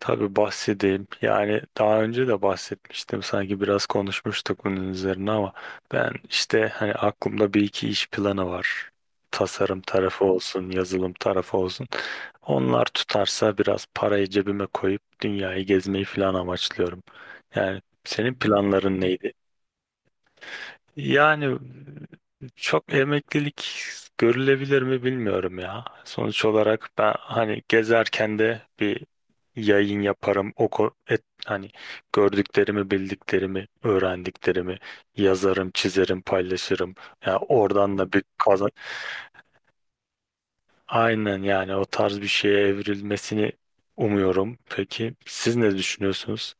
Tabii bahsedeyim. Yani daha önce de bahsetmiştim. Sanki biraz konuşmuştuk bunun üzerine ama ben işte hani aklımda bir iki iş planı var. Tasarım tarafı olsun, yazılım tarafı olsun. Onlar tutarsa biraz parayı cebime koyup dünyayı gezmeyi falan amaçlıyorum. Yani senin planların neydi? Yani çok emeklilik görülebilir mi bilmiyorum ya. Sonuç olarak ben hani gezerken de bir yayın yaparım. Hani gördüklerimi, bildiklerimi, öğrendiklerimi yazarım, çizerim, paylaşırım. Ya oradan da bir kazan. Aynen yani o tarz bir şeye evrilmesini umuyorum. Peki siz ne düşünüyorsunuz?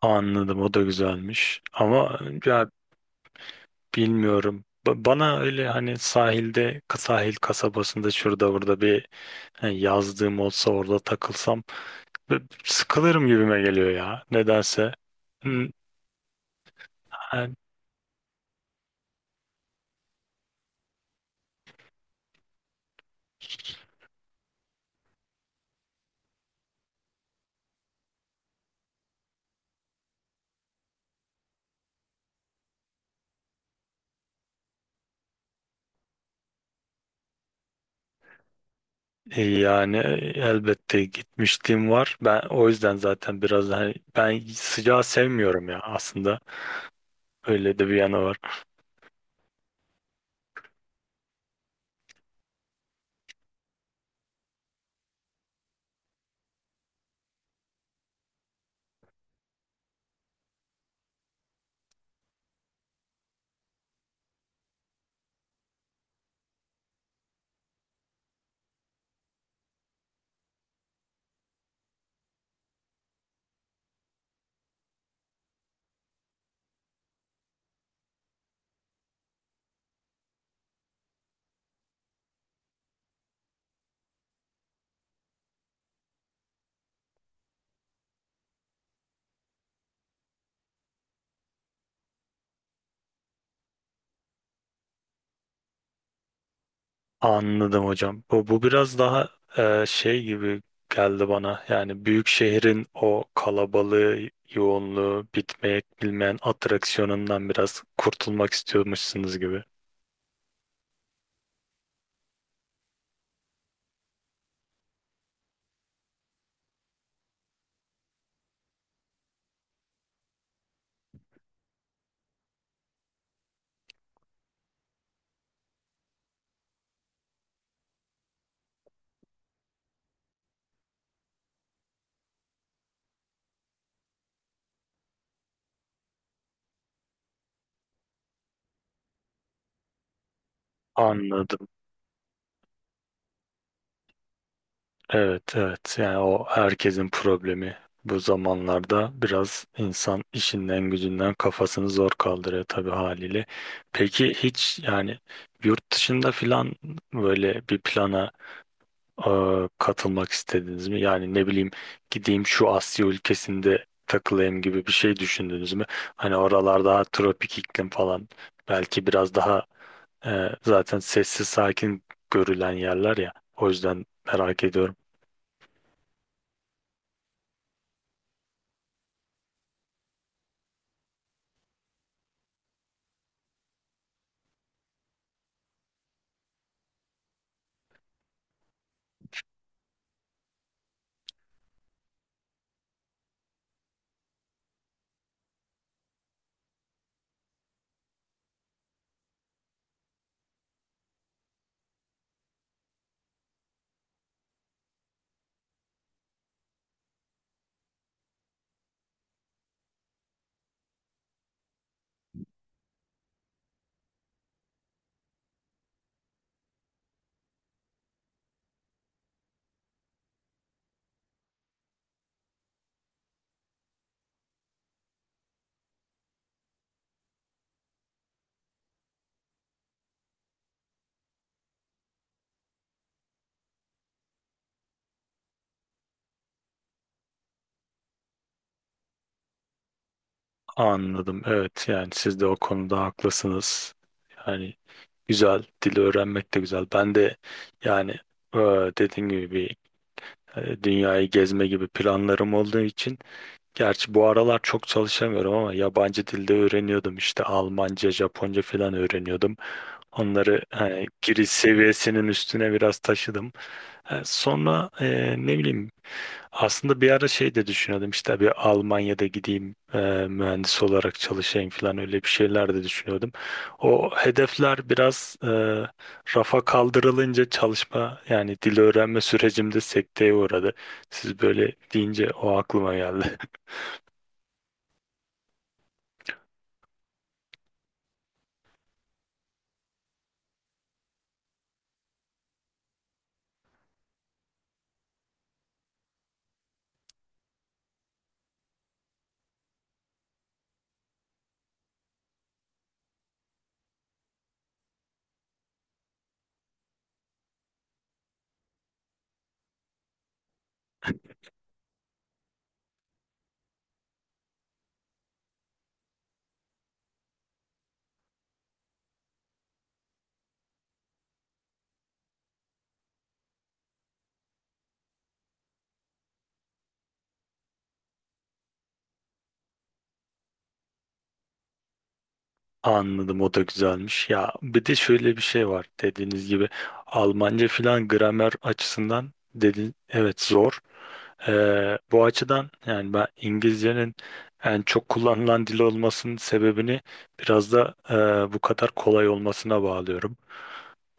Anladım, o da güzelmiş. Ama ya bilmiyorum. Bana öyle hani sahilde, sahil kasabasında şurada burada bir hani yazdığım olsa orada takılsam sıkılırım gibime geliyor ya. Nedense. Hmm, hani- yani elbette gitmişliğim var. Ben o yüzden zaten biraz hani ben sıcağı sevmiyorum ya aslında. Öyle de bir yanı var. Anladım hocam. Bu biraz daha şey gibi geldi bana. Yani büyük şehrin o kalabalığı, yoğunluğu, bitmek bilmeyen atraksiyonundan biraz kurtulmak istiyormuşsunuz gibi. Anladım. Evet, evet. Yani o herkesin problemi. Bu zamanlarda biraz insan işinden gücünden kafasını zor kaldırıyor tabii haliyle. Peki hiç yani yurt dışında filan böyle bir plana e, katılmak istediniz mi? Yani ne bileyim, gideyim şu Asya ülkesinde takılayım gibi bir şey düşündünüz mü? Hani oralar daha tropik iklim falan belki biraz daha zaten sessiz sakin görülen yerler ya. O yüzden merak ediyorum. Anladım. Evet, yani siz de o konuda haklısınız. Yani güzel, dili öğrenmek de güzel. Ben de yani e, dediğim gibi bir dünyayı gezme gibi planlarım olduğu için, gerçi bu aralar çok çalışamıyorum ama yabancı dilde öğreniyordum işte Almanca, Japonca falan öğreniyordum. Onları hani giriş seviyesinin üstüne biraz taşıdım. Sonra ne bileyim, aslında bir ara şey de düşünüyordum işte bir Almanya'da gideyim, mühendis olarak çalışayım falan, öyle bir şeyler de düşünüyordum. O hedefler biraz rafa kaldırılınca çalışma yani dil öğrenme sürecimde sekteye uğradı. Siz böyle deyince o aklıma geldi. Anladım, o da güzelmiş. Ya bir de şöyle bir şey var, dediğiniz gibi Almanca filan gramer açısından dedin, evet, zor. Bu açıdan yani ben İngilizcenin en çok kullanılan dil olmasının sebebini biraz da bu kadar kolay olmasına bağlıyorum.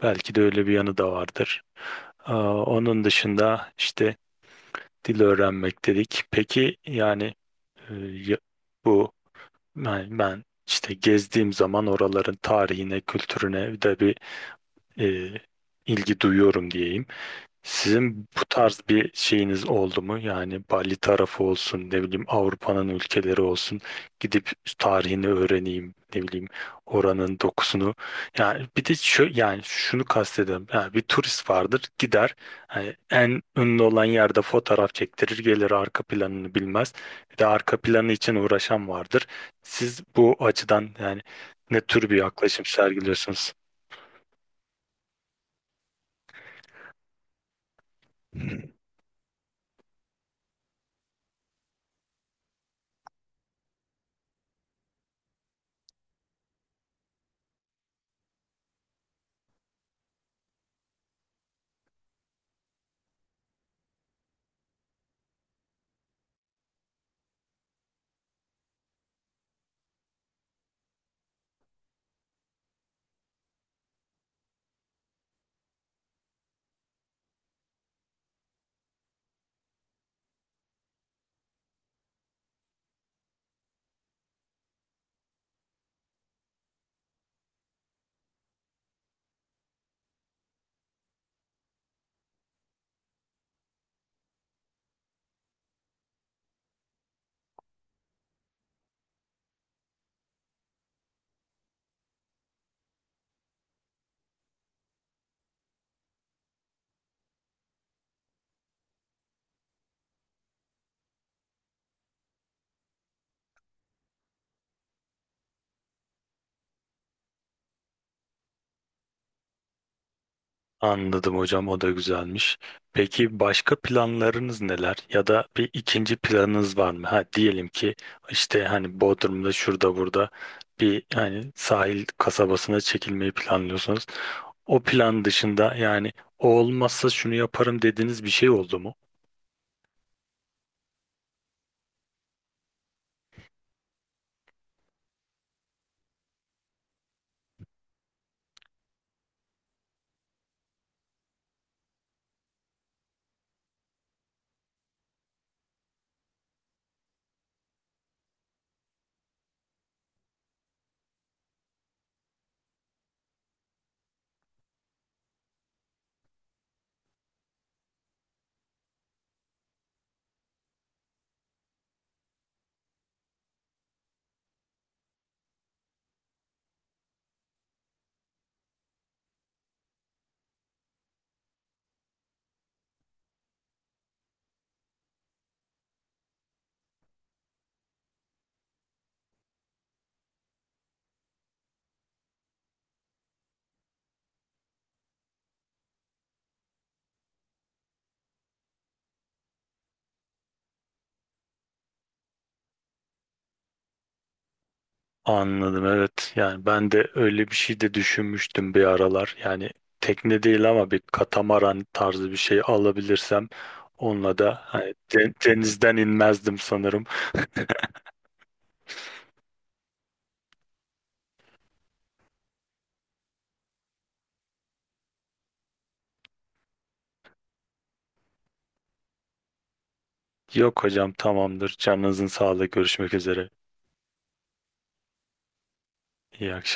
Belki de öyle bir yanı da vardır. Onun dışında işte dil öğrenmek dedik. Peki yani e, ya- bu ben işte gezdiğim zaman oraların tarihine, kültürüne de bir e, ilgi duyuyorum diyeyim. Sizin bu tarz bir şeyiniz oldu mu? Yani Bali tarafı olsun, ne bileyim Avrupa'nın ülkeleri olsun. Gidip tarihini öğreneyim, ne bileyim oranın dokusunu. Yani bir de şu, yani şunu kastediyorum. Yani bir turist vardır, gider. Yani en ünlü olan yerde fotoğraf çektirir, gelir, arka planını bilmez. Bir de arka planı için uğraşan vardır. Siz bu açıdan yani ne tür bir yaklaşım sergiliyorsunuz? Anladım hocam, o da güzelmiş. Peki başka planlarınız neler, ya da bir ikinci planınız var mı? Ha, diyelim ki işte hani Bodrum'da şurada burada bir hani sahil kasabasına çekilmeyi planlıyorsunuz. O plan dışında yani o olmazsa şunu yaparım dediğiniz bir şey oldu mu? Anladım, evet. Yani ben de öyle bir şey de düşünmüştüm bir aralar. Yani tekne değil ama bir katamaran tarzı bir şey alabilirsem onunla da hani denizden inmezdim sanırım. Yok hocam, tamamdır. Canınızın sağlığı. Görüşmek üzere. İyi akşamlar.